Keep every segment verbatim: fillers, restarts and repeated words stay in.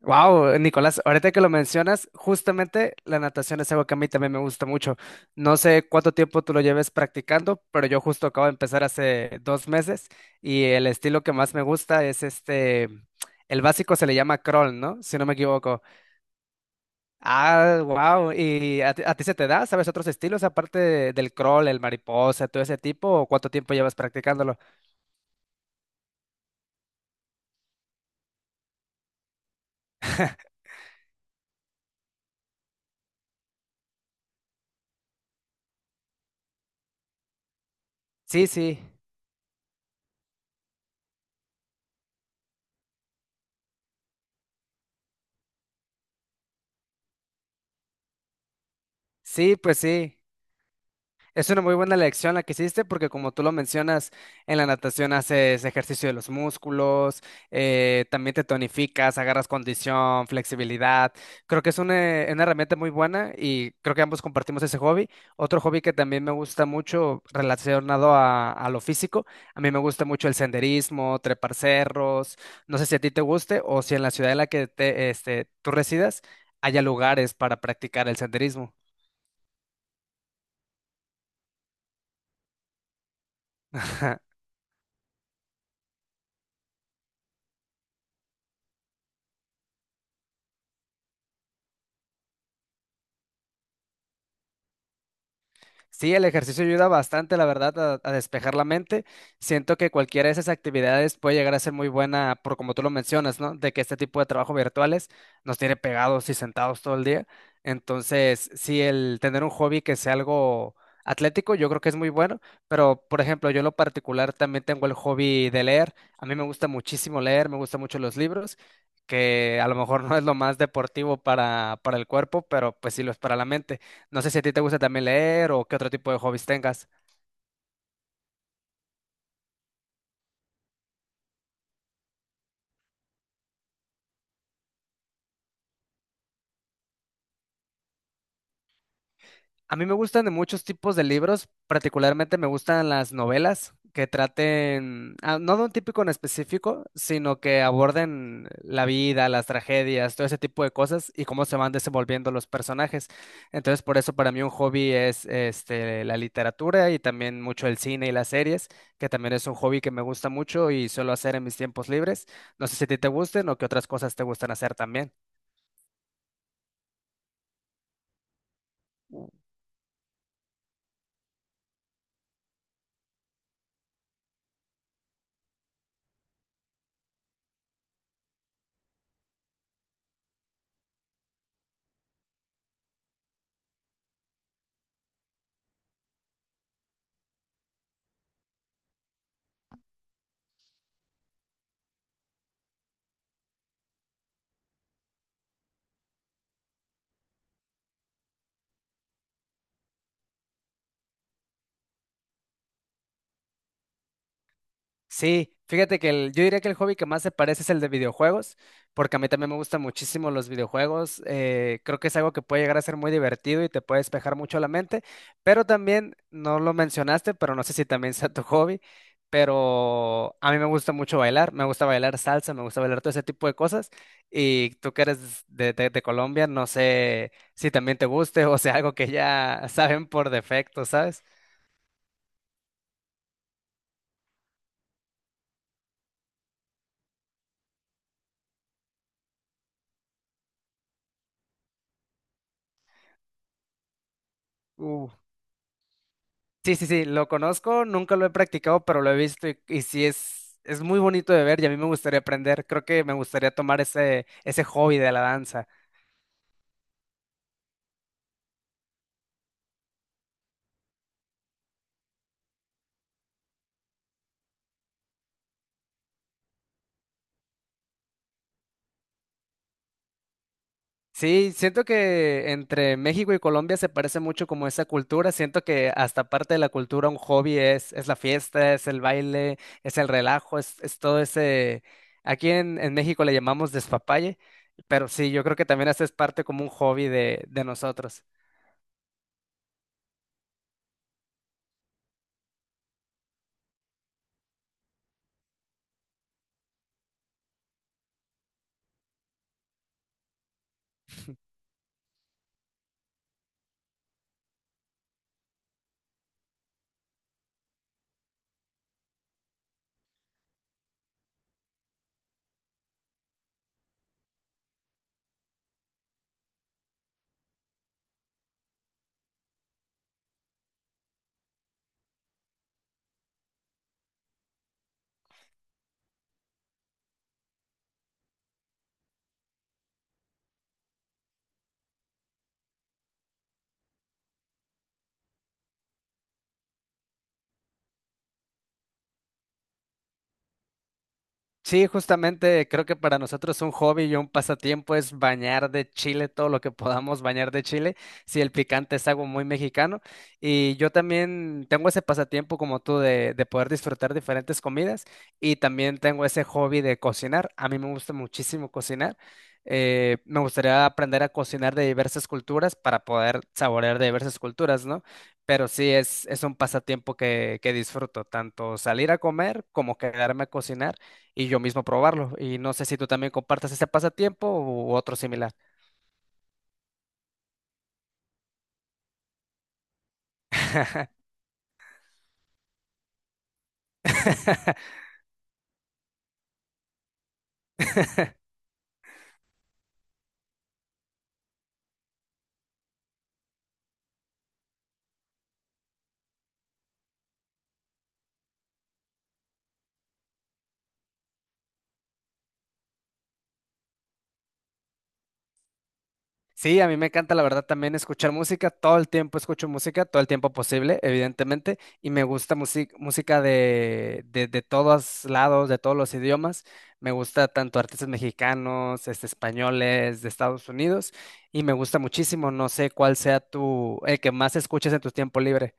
Wow, Nicolás, ahorita que lo mencionas, justamente la natación es algo que a mí también me gusta mucho. No sé cuánto tiempo tú lo lleves practicando, pero yo justo acabo de empezar hace dos meses y el estilo que más me gusta es este, el básico se le llama crawl, ¿no? Si no me equivoco. Ah, wow, ¿y a ti, a ti se te da? ¿Sabes otros estilos aparte de- del crawl, el mariposa, todo ese tipo? ¿O cuánto tiempo llevas practicándolo? Sí, sí, sí, pues sí. Es una muy buena lección la que hiciste porque como tú lo mencionas, en la natación haces ejercicio de los músculos, eh, también te tonificas, agarras condición, flexibilidad. Creo que es una, una herramienta muy buena y creo que ambos compartimos ese hobby. Otro hobby que también me gusta mucho relacionado a, a lo físico, a mí me gusta mucho el senderismo, trepar cerros. No sé si a ti te guste o si en la ciudad en la que te, este, tú residas haya lugares para practicar el senderismo. Sí, el ejercicio ayuda bastante, la verdad, a, a despejar la mente. Siento que cualquiera de esas actividades puede llegar a ser muy buena, por como tú lo mencionas, ¿no? De que este tipo de trabajo virtuales nos tiene pegados y sentados todo el día. Entonces, sí, el tener un hobby que sea algo atlético, yo creo que es muy bueno. Pero, por ejemplo, yo en lo particular también tengo el hobby de leer. A mí me gusta muchísimo leer, me gustan mucho los libros, que a lo mejor no es lo más deportivo para, para el cuerpo, pero pues sí lo es para la mente. No sé si a ti te gusta también leer o qué otro tipo de hobbies tengas. A mí me gustan de muchos tipos de libros, particularmente me gustan las novelas que traten, ah, no de un típico en específico, sino que aborden la vida, las tragedias, todo ese tipo de cosas y cómo se van desenvolviendo los personajes. Entonces, por eso para mí un hobby es este, la literatura y también mucho el cine y las series, que también es un hobby que me gusta mucho y suelo hacer en mis tiempos libres. No sé si a ti te gusten o qué otras cosas te gustan hacer también. Sí, fíjate que el- yo diría que el hobby que más se parece es el de videojuegos, porque a mí también me gustan muchísimo los videojuegos. Eh, creo que es algo que puede llegar a ser muy divertido y te puede despejar mucho la mente, pero también, no lo mencionaste, pero no sé si también sea tu hobby, pero a mí me gusta mucho bailar, me gusta bailar salsa, me gusta bailar todo ese tipo de cosas. Y tú que eres de, de de Colombia, no sé si también te guste o sea algo que ya saben por defecto, ¿sabes? Sí, sí, sí, lo conozco, nunca lo he practicado, pero lo he visto y, y sí es, es muy bonito de ver y a mí me gustaría aprender. Creo que me gustaría tomar ese, ese hobby de la danza. Sí, siento que entre México y Colombia se parece mucho como esa cultura. Siento que hasta parte de la cultura un hobby es, es la fiesta, es el baile, es el relajo, es, es todo ese... Aquí en, en México le llamamos despapalle, pero sí, yo creo que también esa es parte como un hobby de, de nosotros. Sí, justamente creo que para nosotros un hobby y un pasatiempo es bañar de chile todo lo que podamos bañar de chile, si el picante es algo muy mexicano. Y yo también tengo ese pasatiempo como tú de, de poder disfrutar diferentes comidas y también tengo ese hobby de cocinar. A mí me gusta muchísimo cocinar. Eh, me gustaría aprender a cocinar de diversas culturas para poder saborear de diversas culturas, ¿no? Pero sí es, es un pasatiempo que, que disfruto, tanto salir a comer como quedarme a cocinar y yo mismo probarlo. Y no sé si tú también compartas ese pasatiempo u otro similar. Sí, a mí me encanta, la verdad, también escuchar música. Todo el tiempo escucho música, todo el tiempo posible, evidentemente. Y me gusta music- música de, de, de todos lados, de todos los idiomas. Me gusta tanto artistas mexicanos, este, españoles, de Estados Unidos. Y me gusta muchísimo. No sé cuál sea tu, el que más escuches en tu tiempo libre.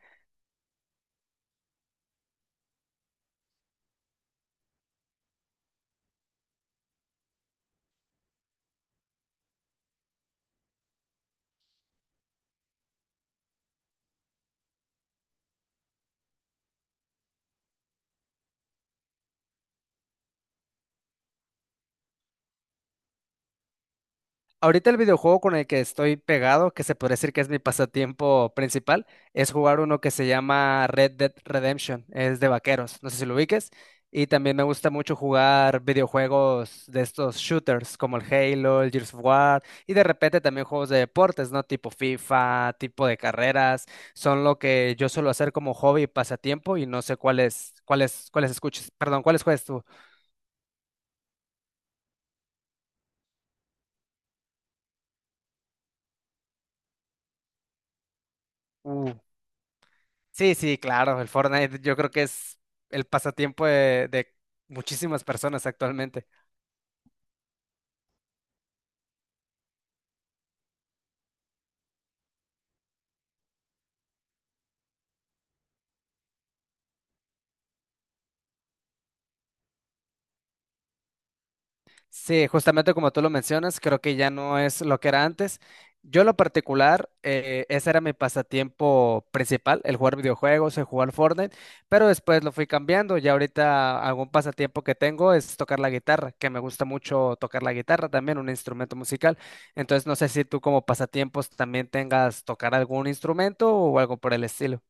Ahorita el videojuego con el que estoy pegado, que se podría decir que es mi pasatiempo principal, es jugar uno que se llama Red Dead Redemption, es de vaqueros, no sé si lo ubiques, y también me gusta mucho jugar videojuegos de estos shooters como el Halo, el Gears of War, y de repente también juegos de deportes, ¿no? Tipo FIFA, tipo de carreras, son lo que yo suelo hacer como hobby y pasatiempo, y no sé cuáles, cuáles, cuáles escuches, perdón, cuáles juegas tú. Sí, sí, claro, el Fortnite yo creo que es el pasatiempo de, de muchísimas personas actualmente. Sí, justamente como tú lo mencionas, creo que ya no es lo que era antes. Yo en lo particular, eh, ese era mi pasatiempo principal, el jugar videojuegos, el jugar Fortnite, pero después lo fui cambiando. Ya ahorita algún pasatiempo que tengo es tocar la guitarra, que me gusta mucho tocar la guitarra también, un instrumento musical. Entonces no sé si tú como pasatiempos también tengas tocar algún instrumento o algo por el estilo.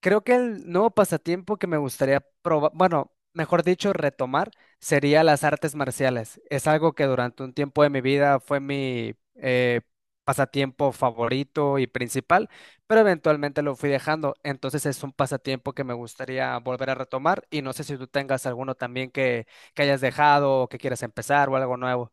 Creo que el nuevo pasatiempo que me gustaría probar, bueno, mejor dicho, retomar, sería las artes marciales. Es algo que durante un tiempo de mi vida fue mi eh, pasatiempo favorito y principal, pero eventualmente lo fui dejando. Entonces es un pasatiempo que me gustaría volver a retomar y no sé si tú tengas alguno también que, que hayas dejado o que quieras empezar o algo nuevo.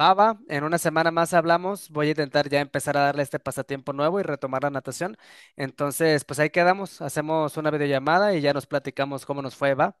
Va, va, en una semana más hablamos. Voy a intentar ya empezar a darle este pasatiempo nuevo y retomar la natación. Entonces, pues ahí quedamos. Hacemos una videollamada y ya nos platicamos cómo nos fue, va.